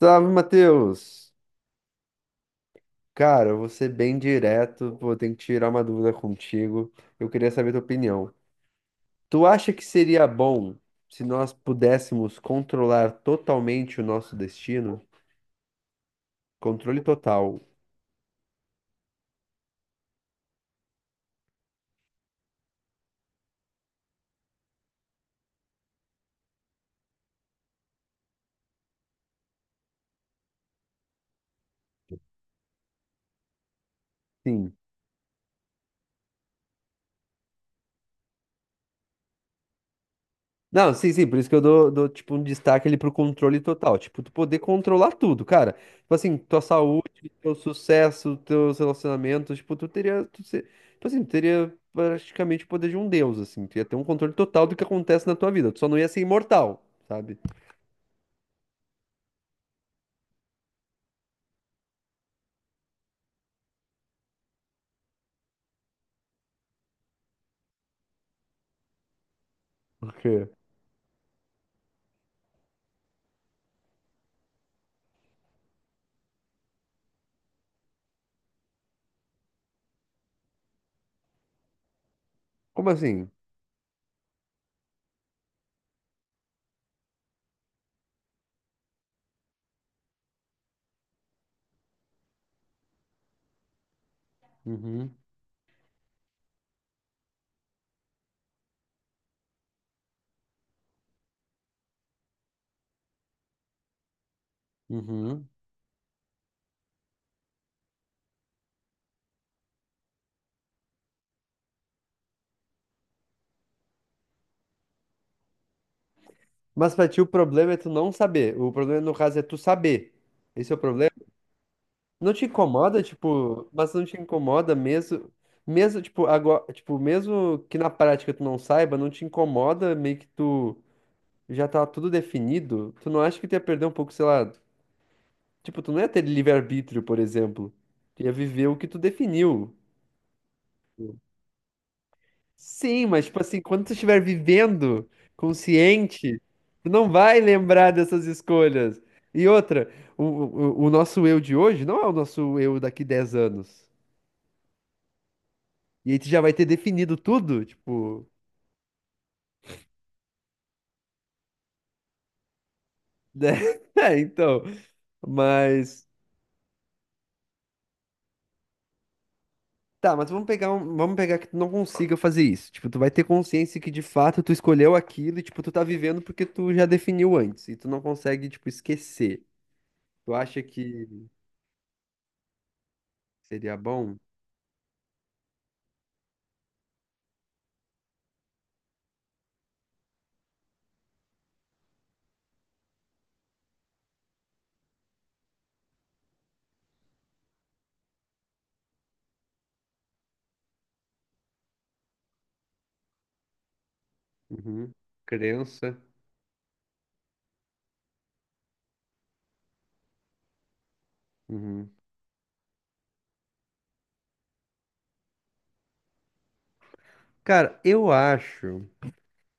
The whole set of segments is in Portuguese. Salve, Matheus! Cara, eu vou ser bem direto, vou ter que tirar uma dúvida contigo. Eu queria saber tua opinião. Tu acha que seria bom se nós pudéssemos controlar totalmente o nosso destino? Controle total. Sim. Não, sim, sim, por isso que eu dou, tipo, um destaque ali pro controle total. Tipo, tu poder controlar tudo, cara. Tipo assim, tua saúde, teu sucesso, teus relacionamentos, tipo, tu teria, tu ser, tipo assim, tu teria praticamente o poder de um deus, assim. Tu ia ter um controle total do que acontece na tua vida. Tu só não ia ser imortal, sabe? Por quê? Como assim? Uhum, uhum. Mas pra ti o problema é tu não saber. O problema, no caso, é tu saber. Esse é o problema? Não te incomoda, tipo, mas não te incomoda mesmo, mesmo, tipo, agora, tipo, mesmo que na prática tu não saiba, não te incomoda meio que tu já tá tudo definido, tu não acha que tu ia perder um pouco, sei lá, tipo, tu não ia ter livre-arbítrio, por exemplo, tu ia viver o que tu definiu. Sim, mas, tipo assim, quando tu estiver vivendo, consciente, tu não vai lembrar dessas escolhas. E outra, o nosso eu de hoje não é o nosso eu daqui 10 anos. E aí tu já vai ter definido tudo, tipo, né? É, então, mas tá, mas vamos pegar que tu não consiga fazer isso. Tipo, tu vai ter consciência que de fato tu escolheu aquilo e tipo, tu tá vivendo porque tu já definiu antes e tu não consegue, tipo, esquecer. Tu acha que seria bom? Uhum. Crença. Uhum. Cara, eu acho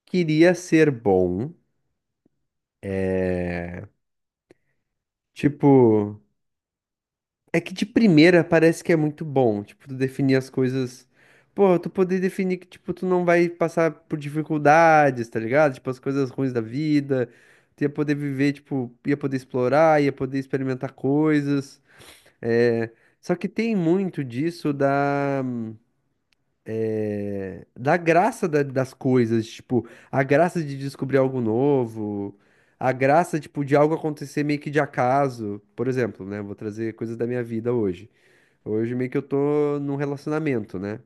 que iria ser bom, tipo, é que de primeira parece que é muito bom, tipo, tu definir as coisas. Pô, tu poder definir que, tipo, tu não vai passar por dificuldades, tá ligado? Tipo, as coisas ruins da vida. Tu ia poder viver, tipo, ia poder explorar, ia poder experimentar coisas. É... só que tem muito disso da, da graça da- das coisas, tipo, a graça de descobrir algo novo, a graça, tipo, de algo acontecer meio que de acaso. Por exemplo, né? Vou trazer coisas da minha vida hoje. Hoje meio que eu tô num relacionamento, né?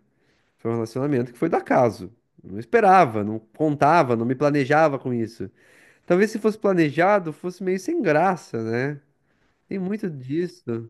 Foi um relacionamento que foi do acaso. Eu não esperava, não contava, não me planejava com isso. Talvez se fosse planejado, fosse meio sem graça, né? Tem muito disso.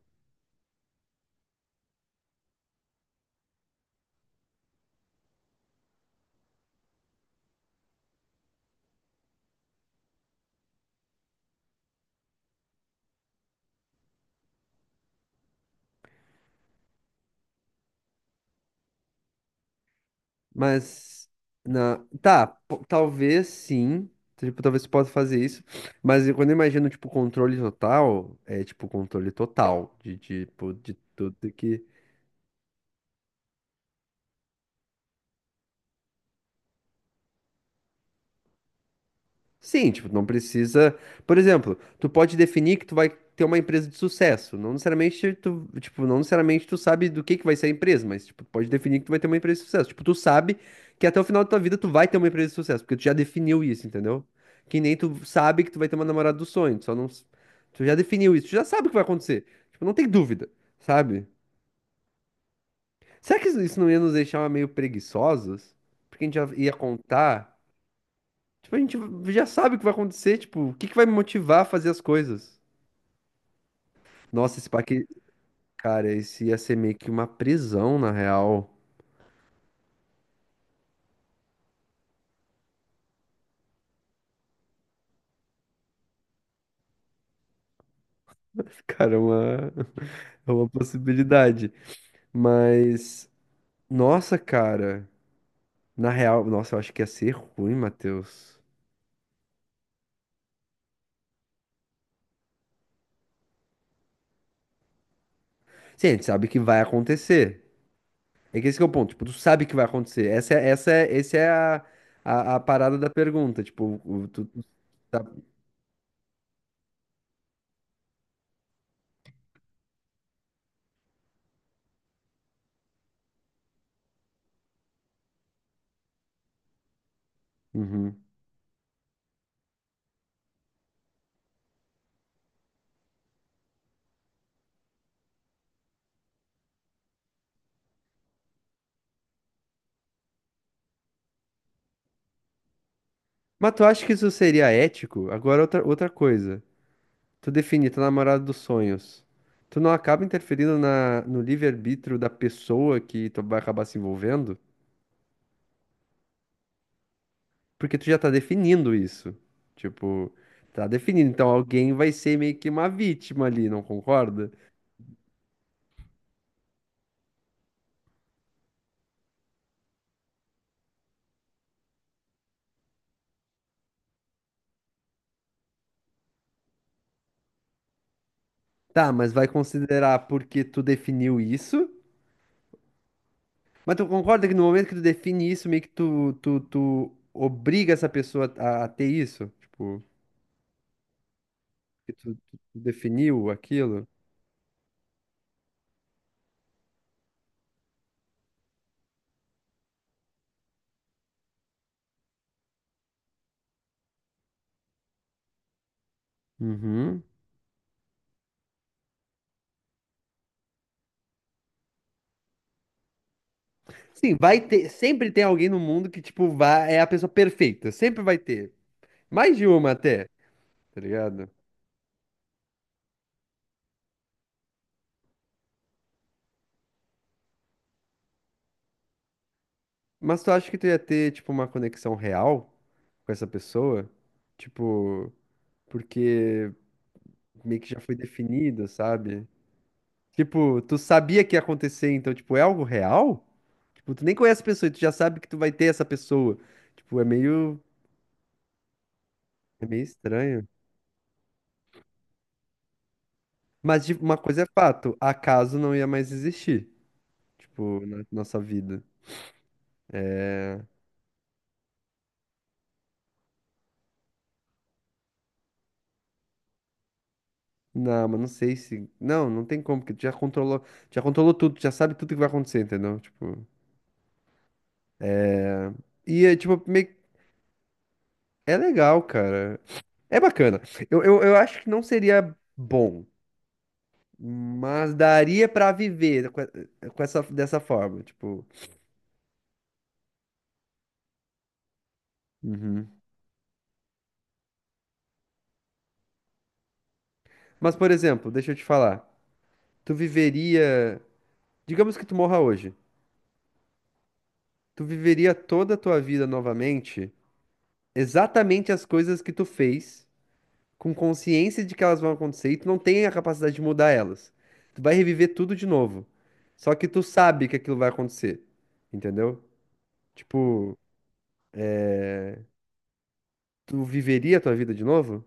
Mas na tá, po- talvez sim. Tipo, talvez você possa fazer isso, mas eu- quando eu imagino, tipo, controle total, é tipo controle total de tipo de tudo que sim, tipo, não precisa. Por exemplo, tu pode definir que tu vai ter uma empresa de sucesso. Não necessariamente tu, tipo, não necessariamente tu sabe do que vai ser a empresa, mas tipo, tu pode definir que tu vai ter uma empresa de sucesso. Tipo, tu sabe que até o final da tua vida tu vai ter uma empresa de sucesso, porque tu já definiu isso, entendeu? Que nem tu sabe que tu vai ter uma namorada do sonho, tu só não s- tu já definiu isso, tu já sabe o que vai acontecer. Tipo, não tem dúvida, sabe? Será que isso não ia nos deixar meio preguiçosos? Porque a gente já ia contar. Tipo, a gente já sabe o que vai acontecer, tipo, o que que vai me motivar a fazer as coisas? Nossa, esse parque, cara, esse ia ser meio que uma prisão, na real. Cara, é uma, é uma possibilidade. Mas, nossa, cara, na real, nossa, eu acho que ia ser ruim, Matheus. Sim, a gente sabe que vai acontecer. É que esse que é o ponto, tipo, tu sabe que vai acontecer. Essa é a, a parada da pergunta, tipo, o- tu, tu tá- Uhum. Mas tu acha que isso seria ético? Agora outra, outra coisa. Tu define tua namorada dos sonhos. Tu não acaba interferindo na, no livre-arbítrio da pessoa que tu vai acabar se envolvendo? Porque tu já tá definindo isso. Tipo, tá definindo. Então alguém vai ser meio que uma vítima ali, não concorda? Tá, mas vai considerar porque tu definiu isso? Mas tu concorda que no momento que tu define isso, meio que tu obriga essa pessoa a ter isso? Tipo, que tu, tu definiu aquilo? Uhum. Sim, vai ter. Sempre tem alguém no mundo que, tipo, vai, é a pessoa perfeita. Sempre vai ter. Mais de uma até, tá ligado? Mas tu acha que tu ia ter, tipo, uma conexão real com essa pessoa? Tipo, porque meio que já foi definido, sabe? Tipo, tu sabia que ia acontecer, então, tipo, é algo real? Tipo, tu nem conhece a pessoa e tu já sabe que tu vai ter essa pessoa. Tipo, é meio estranho. Mas de- uma coisa é fato, acaso não ia mais existir, tipo, na nossa vida. Não, mas não sei se. Não, não tem como, porque tu já controlou tudo, tu já sabe tudo que vai acontecer, entendeu? Tipo. É, e é tipo, meio... que- é legal, cara. É bacana. Eu acho que não seria bom, mas daria pra viver com, e- com essa, dessa forma, tipo. Uhum. Mas, por exemplo, deixa eu te falar. Tu viveria. Digamos que tu morra hoje. Tu viveria toda a tua vida novamente, exatamente as coisas que tu fez, com consciência de que elas vão acontecer e tu não tem a capacidade de mudar elas. Tu vai reviver tudo de novo. Só que tu sabe que aquilo vai acontecer. Entendeu? Tipo, tu viveria a tua vida de novo?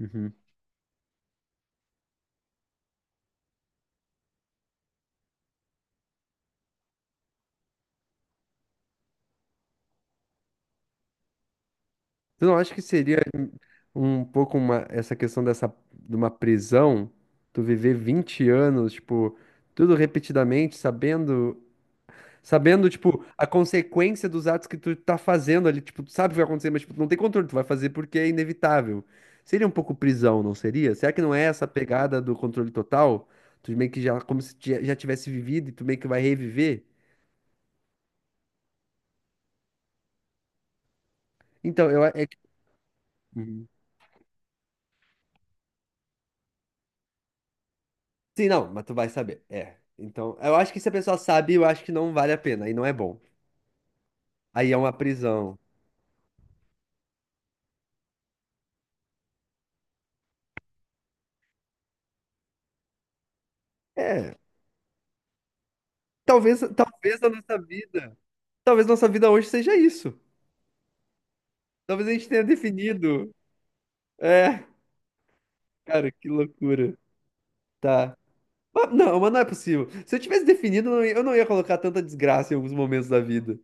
Uhum. Tu não acha que seria um pouco uma, essa questão dessa, de uma prisão? Tu viver 20 anos, tipo, tudo repetidamente, sabendo. Sabendo, tipo, a consequência dos atos que tu tá fazendo ali, tipo, tu sabe o que vai acontecer, mas tipo, tu não tem controle, tu vai fazer porque é inevitável. Seria um pouco prisão, não seria? Será que não é essa pegada do controle total? Tu meio que já, como se ti- já tivesse vivido e tu meio que vai reviver? Então, eu... a- É... que- Uhum. Sim, não, mas tu vai saber, é. Então, eu acho que se a pessoa sabe, eu acho que não vale a pena, aí não é bom. Aí é uma prisão. É, talvez, talvez a nossa vida, talvez nossa vida hoje seja isso. Talvez a gente tenha definido, é... Cara, que loucura. Tá. Mas não é possível. Se eu tivesse definido, eu não ia colocar tanta desgraça em alguns momentos da vida.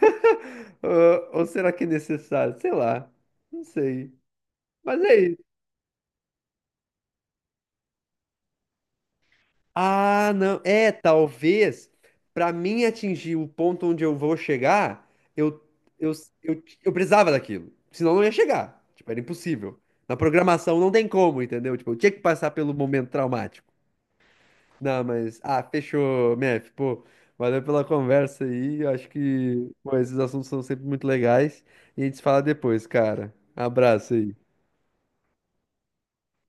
Ah, ou será que é necessário? Sei lá. Não sei. Mas é isso. Ah, não. É, talvez pra mim atingir o ponto onde eu vou chegar, eu, eu, eu precisava daquilo. Senão eu não ia chegar. Tipo, era impossível. Na programação não tem como, entendeu? Tipo, eu tinha que passar pelo momento traumático. Não, mas. Ah, fechou, Mef. Pô, valeu pela conversa aí. Eu acho que, pô, esses assuntos são sempre muito legais. E a gente se fala depois, cara. Abraço aí.